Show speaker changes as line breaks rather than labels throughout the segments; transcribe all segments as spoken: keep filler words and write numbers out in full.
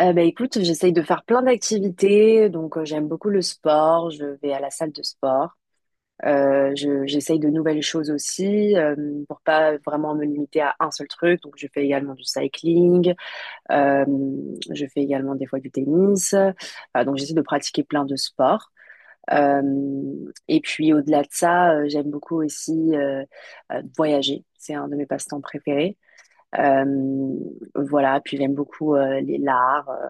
Euh, bah, écoute, j'essaye de faire plein d'activités. Donc, euh, j'aime beaucoup le sport. Je vais à la salle de sport. Euh, je, j'essaye de nouvelles choses aussi euh, pour pas vraiment me limiter à un seul truc. Donc, je fais également du cycling. Euh, je fais également des fois du tennis. Enfin, donc, j'essaie de pratiquer plein de sports. Euh, et puis, au-delà de ça, euh, j'aime beaucoup aussi euh, euh, voyager. C'est un de mes passe-temps préférés. Euh, voilà, puis j'aime beaucoup euh, les l'art. euh,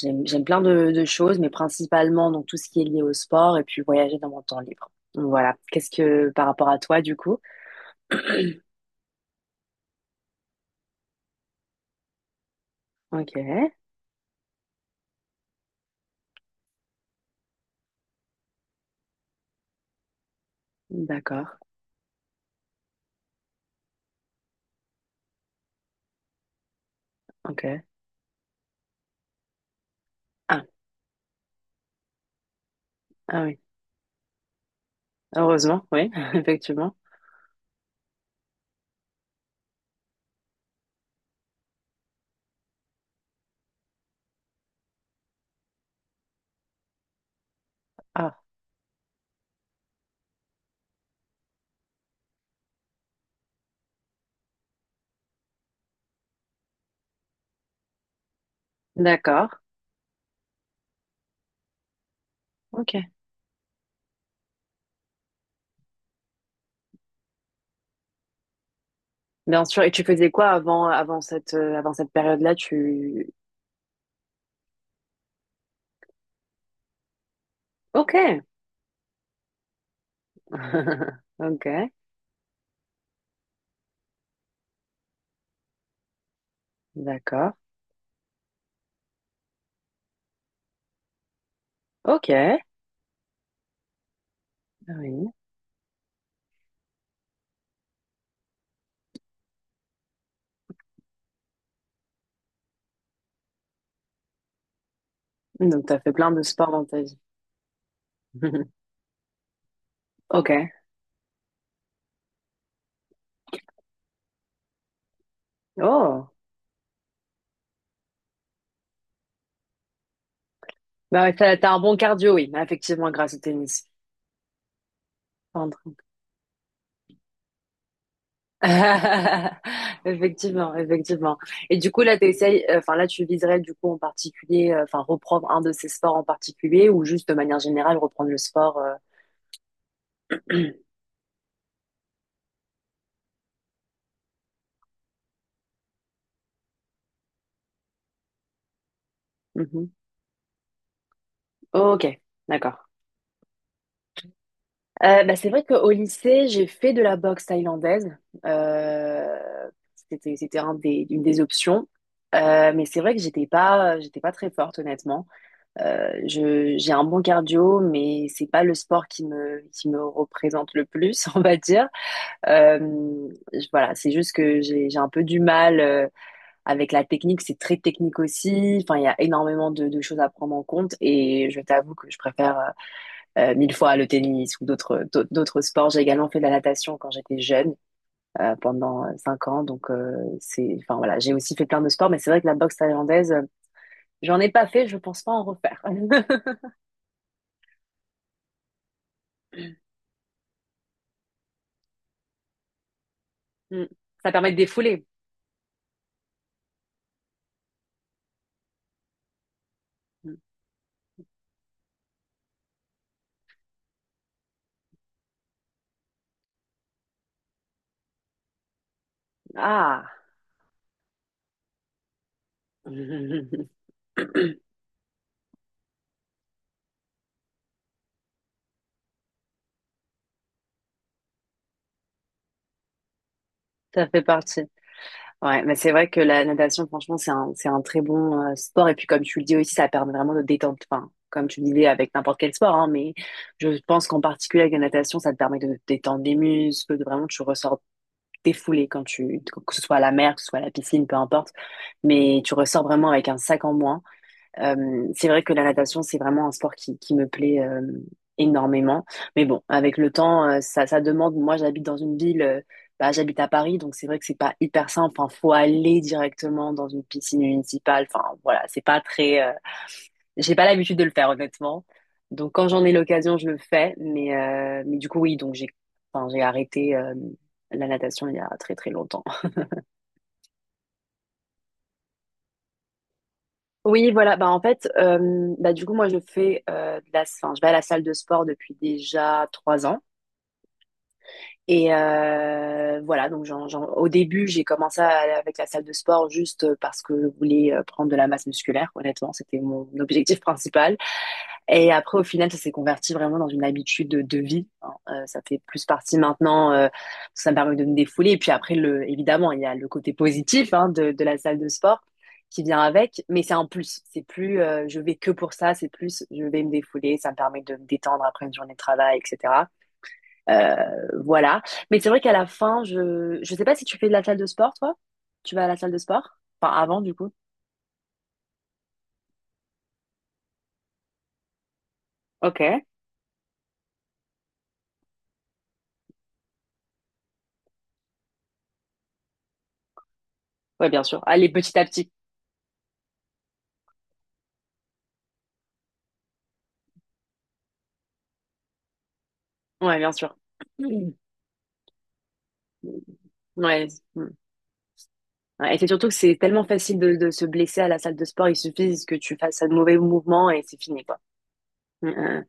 j'aime, j'aime plein de, de choses, mais principalement donc tout ce qui est lié au sport et puis voyager dans mon temps libre. Donc, voilà. Qu'est-ce que par rapport à toi du coup? Ok, d'accord. Ok. Ah, ah oui. Heureusement, oui, effectivement. Ah, d'accord. Ok. Bien sûr. Et tu faisais quoi avant avant cette euh, avant cette période-là? Tu. Ok. Ok. D'accord. Ok. Ah, oui. Donc t'as fait plein de sports dans ta vie. Ok. Oh, bah, ouais, t'as, t'as un bon cardio, oui, bah, effectivement, grâce au tennis. Pardon. Effectivement, effectivement. Et du coup, là, t'essayes, euh, enfin, là, tu viserais, du coup, en particulier, euh, enfin, reprendre un de ces sports en particulier ou juste de manière générale reprendre le sport. Euh, mhm. Oh, ok, d'accord. Euh, bah, c'est vrai qu'au lycée, j'ai fait de la boxe thaïlandaise. Euh, c'était, c'était un des, une des options. Euh, mais c'est vrai que j'étais pas, j'étais pas très forte, honnêtement. Euh, je, j'ai un bon cardio, mais c'est pas le sport qui me, qui me représente le plus, on va dire. Euh, je- voilà, c'est juste que j'ai, j'ai un peu du mal euh, avec la technique. C'est très technique aussi. Enfin, il y a énormément de, de choses à prendre en compte. Et je t'avoue que je préfère euh, euh, mille fois le tennis ou d'autres, d'autres d'autres sports. J'ai également fait de la natation quand j'étais jeune, euh, pendant euh, cinq ans. Donc, euh, c'est, enfin voilà, j'ai aussi fait plein de sports, mais c'est vrai que la boxe thaïlandaise, euh, j'en ai pas fait. Je pense pas en refaire. Mm. Ça permet de défouler. Mm. Ah, ça fait partie. Ouais, mais c'est vrai que la natation, franchement, c'est un, c'est un très bon euh, sport. Et puis, comme tu le dis aussi, ça permet vraiment de détendre. Enfin, comme tu le disais avec n'importe quel sport, hein, mais je pense qu'en particulier avec la natation, ça te permet de détendre les muscles, de vraiment tu ressors défoulé quand tu, que ce soit à la mer, que ce soit à la piscine, peu importe. Mais tu ressors vraiment avec un sac en moins. Euh, c'est vrai que la natation, c'est vraiment un sport qui, qui me plaît euh, énormément. Mais bon, avec le temps, euh, ça, ça demande. Moi, j'habite dans une ville, euh, bah, j'habite à Paris, donc c'est vrai que c'est pas hyper simple. Enfin, faut aller directement dans une piscine municipale. Enfin, voilà, c'est pas très. euh, J'ai pas l'habitude de le faire, honnêtement. Donc, quand j'en ai l'occasion, je le fais. Mais, euh, mais du coup, oui, donc j'ai, enfin, j'ai arrêté euh, la natation il y a très très longtemps. Oui, voilà. Bah, en fait, euh, bah, du coup, moi, je fais euh, de la, enfin, je vais à la salle de sport depuis déjà trois ans. Et euh, voilà, donc j'en- j'en- au début, j'ai commencé à- avec la salle de sport juste parce que je voulais euh, prendre de la masse musculaire. Honnêtement, c'était mon objectif principal. Et après, au final, ça s'est converti vraiment dans une habitude de, de vie. Hein. Euh, ça fait plus partie maintenant, euh, ça me permet de me défouler. Et puis après, le, évidemment, il y a le côté positif hein, de, de la salle de sport qui vient avec, mais c'est un plus. C'est plus euh, je vais que pour ça, c'est plus je vais me défouler, ça me permet de me détendre après une journée de travail, et cetera. Euh, voilà. Mais c'est vrai qu'à la fin, je je sais pas si tu fais de la salle de sport, toi? Tu vas à la salle de sport? Enfin, avant, du coup. Ok. Ouais, bien sûr. Allez, petit à petit. Ouais, bien sûr. Mhm. Ouais. Mm. Ouais, et c'est surtout que c'est tellement facile de, de se blesser à la salle de sport. Il suffit que tu fasses un mauvais mouvement et c'est fini, quoi. Mm, mm.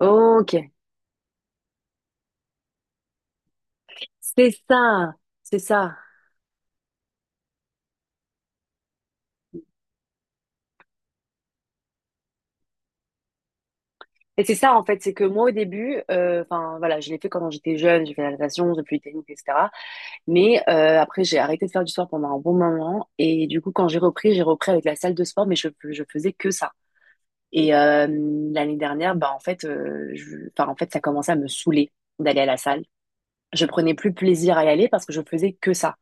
Ok. C'est ça. C'est ça. Et c'est ça, en fait. C'est que moi, au début, euh, enfin, voilà, je l'ai fait quand j'étais jeune. J'ai fait la natation, j'ai fait du tennis, et cetera. Mais euh, après, j'ai arrêté de faire du sport pendant un bon moment. Et du coup, quand j'ai repris, j'ai repris avec la salle de sport, mais je, je faisais que ça. Et euh, l'année dernière, bah, en fait, euh, je- enfin, en fait, ça commençait à me saouler d'aller à la salle. Je prenais plus plaisir à y aller parce que je faisais que ça.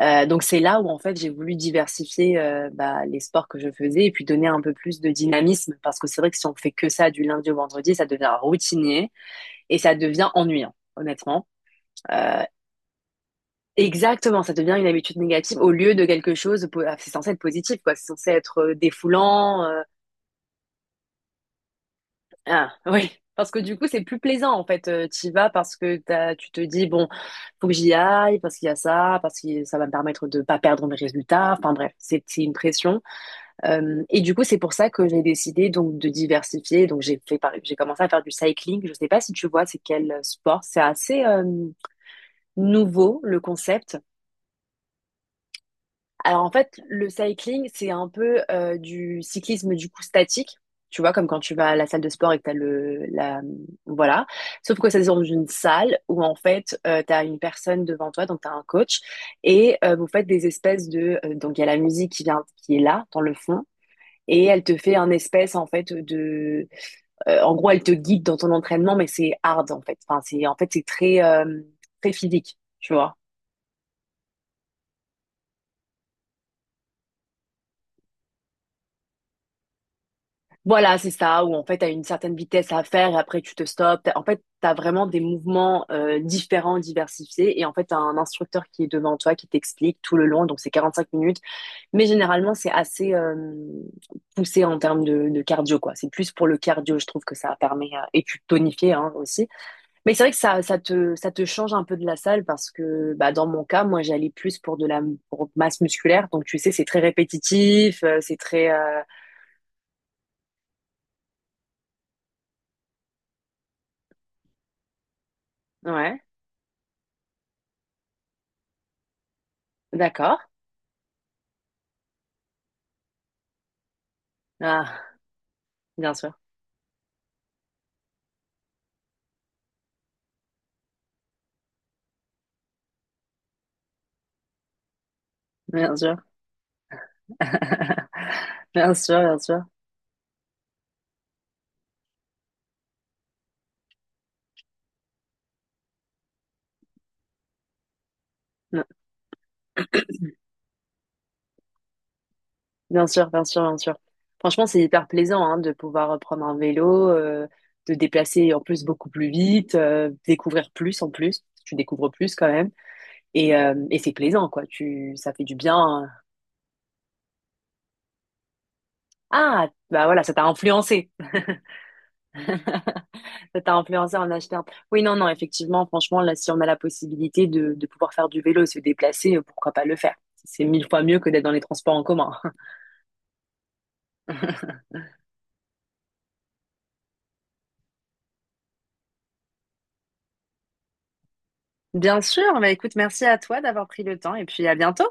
Euh, donc c'est là où en fait j'ai voulu diversifier euh, bah, les sports que je faisais et puis donner un peu plus de dynamisme parce que c'est vrai que si on fait que ça du lundi au vendredi, ça devient routinier et ça devient ennuyant honnêtement. Euh, Exactement, ça devient une habitude négative au lieu de quelque chose, c'est censé être positif, quoi. C'est censé être euh, défoulant, euh, ah oui, parce que du coup, c'est plus plaisant en fait. Euh, t'y vas parce que t'as, tu te dis, bon, faut que j'y aille, parce qu'il y a ça, parce que ça va me permettre de pas perdre mes résultats. Enfin bref, c'est c'est une pression. Euh, et du coup, c'est pour ça que j'ai décidé donc de diversifier. Donc j'ai fait, par- j'ai commencé à faire du cycling. Je sais pas si tu vois, c'est quel sport. C'est assez euh, nouveau le concept. Alors en fait, le cycling, c'est un peu euh, du cyclisme du coup statique, tu vois, comme quand tu vas à la salle de sport et que t'as le la voilà. Sauf que ça se dans une salle où en fait euh, t'as une personne devant toi, donc t'as un coach, et euh, vous faites des espèces de euh, donc il y a la musique qui vient qui est là dans le fond. Et elle te fait un espèce en fait de euh, en gros elle te guide dans ton entraînement mais c'est hard en fait enfin c'est en fait c'est très euh, très physique tu vois. Voilà, c'est ça, où en fait, tu as une certaine vitesse à faire et après tu te stops. T'as- En fait, tu as vraiment des mouvements euh, différents, diversifiés. Et en fait, tu as un instructeur qui est devant toi, qui t'explique tout le long. Donc, c'est quarante-cinq minutes. Mais généralement, c'est assez euh, poussé en termes de, de cardio, quoi. C'est plus pour le cardio, je trouve que ça permet, euh, et tu tonifies hein, aussi. Mais c'est vrai que ça, ça te, ça te change un peu de la salle parce que, bah, dans mon cas, moi, j'allais plus pour de la pour masse musculaire. Donc, tu sais, c'est très répétitif, euh, c'est très... euh, ouais, d'accord. Ah, bien sûr, bien sûr, bien sûr, bien sûr, non, bien sûr, bien sûr, bien sûr. Franchement, c'est hyper plaisant hein, de pouvoir prendre un vélo, euh, de déplacer en plus beaucoup plus vite, euh, découvrir plus en plus. Tu découvres plus quand même, et, euh, et c'est plaisant quoi. Tu, ça fait du bien. Ah, bah voilà, ça t'a influencé. Ça t'a influencé en achetant. Oui, non, non, effectivement, franchement, là, si on a la possibilité de, de pouvoir faire du vélo et se déplacer, euh, pourquoi pas le faire? C'est mille fois mieux que d'être dans les transports en commun. Bien sûr, bah écoute, merci à toi d'avoir pris le temps et puis à bientôt.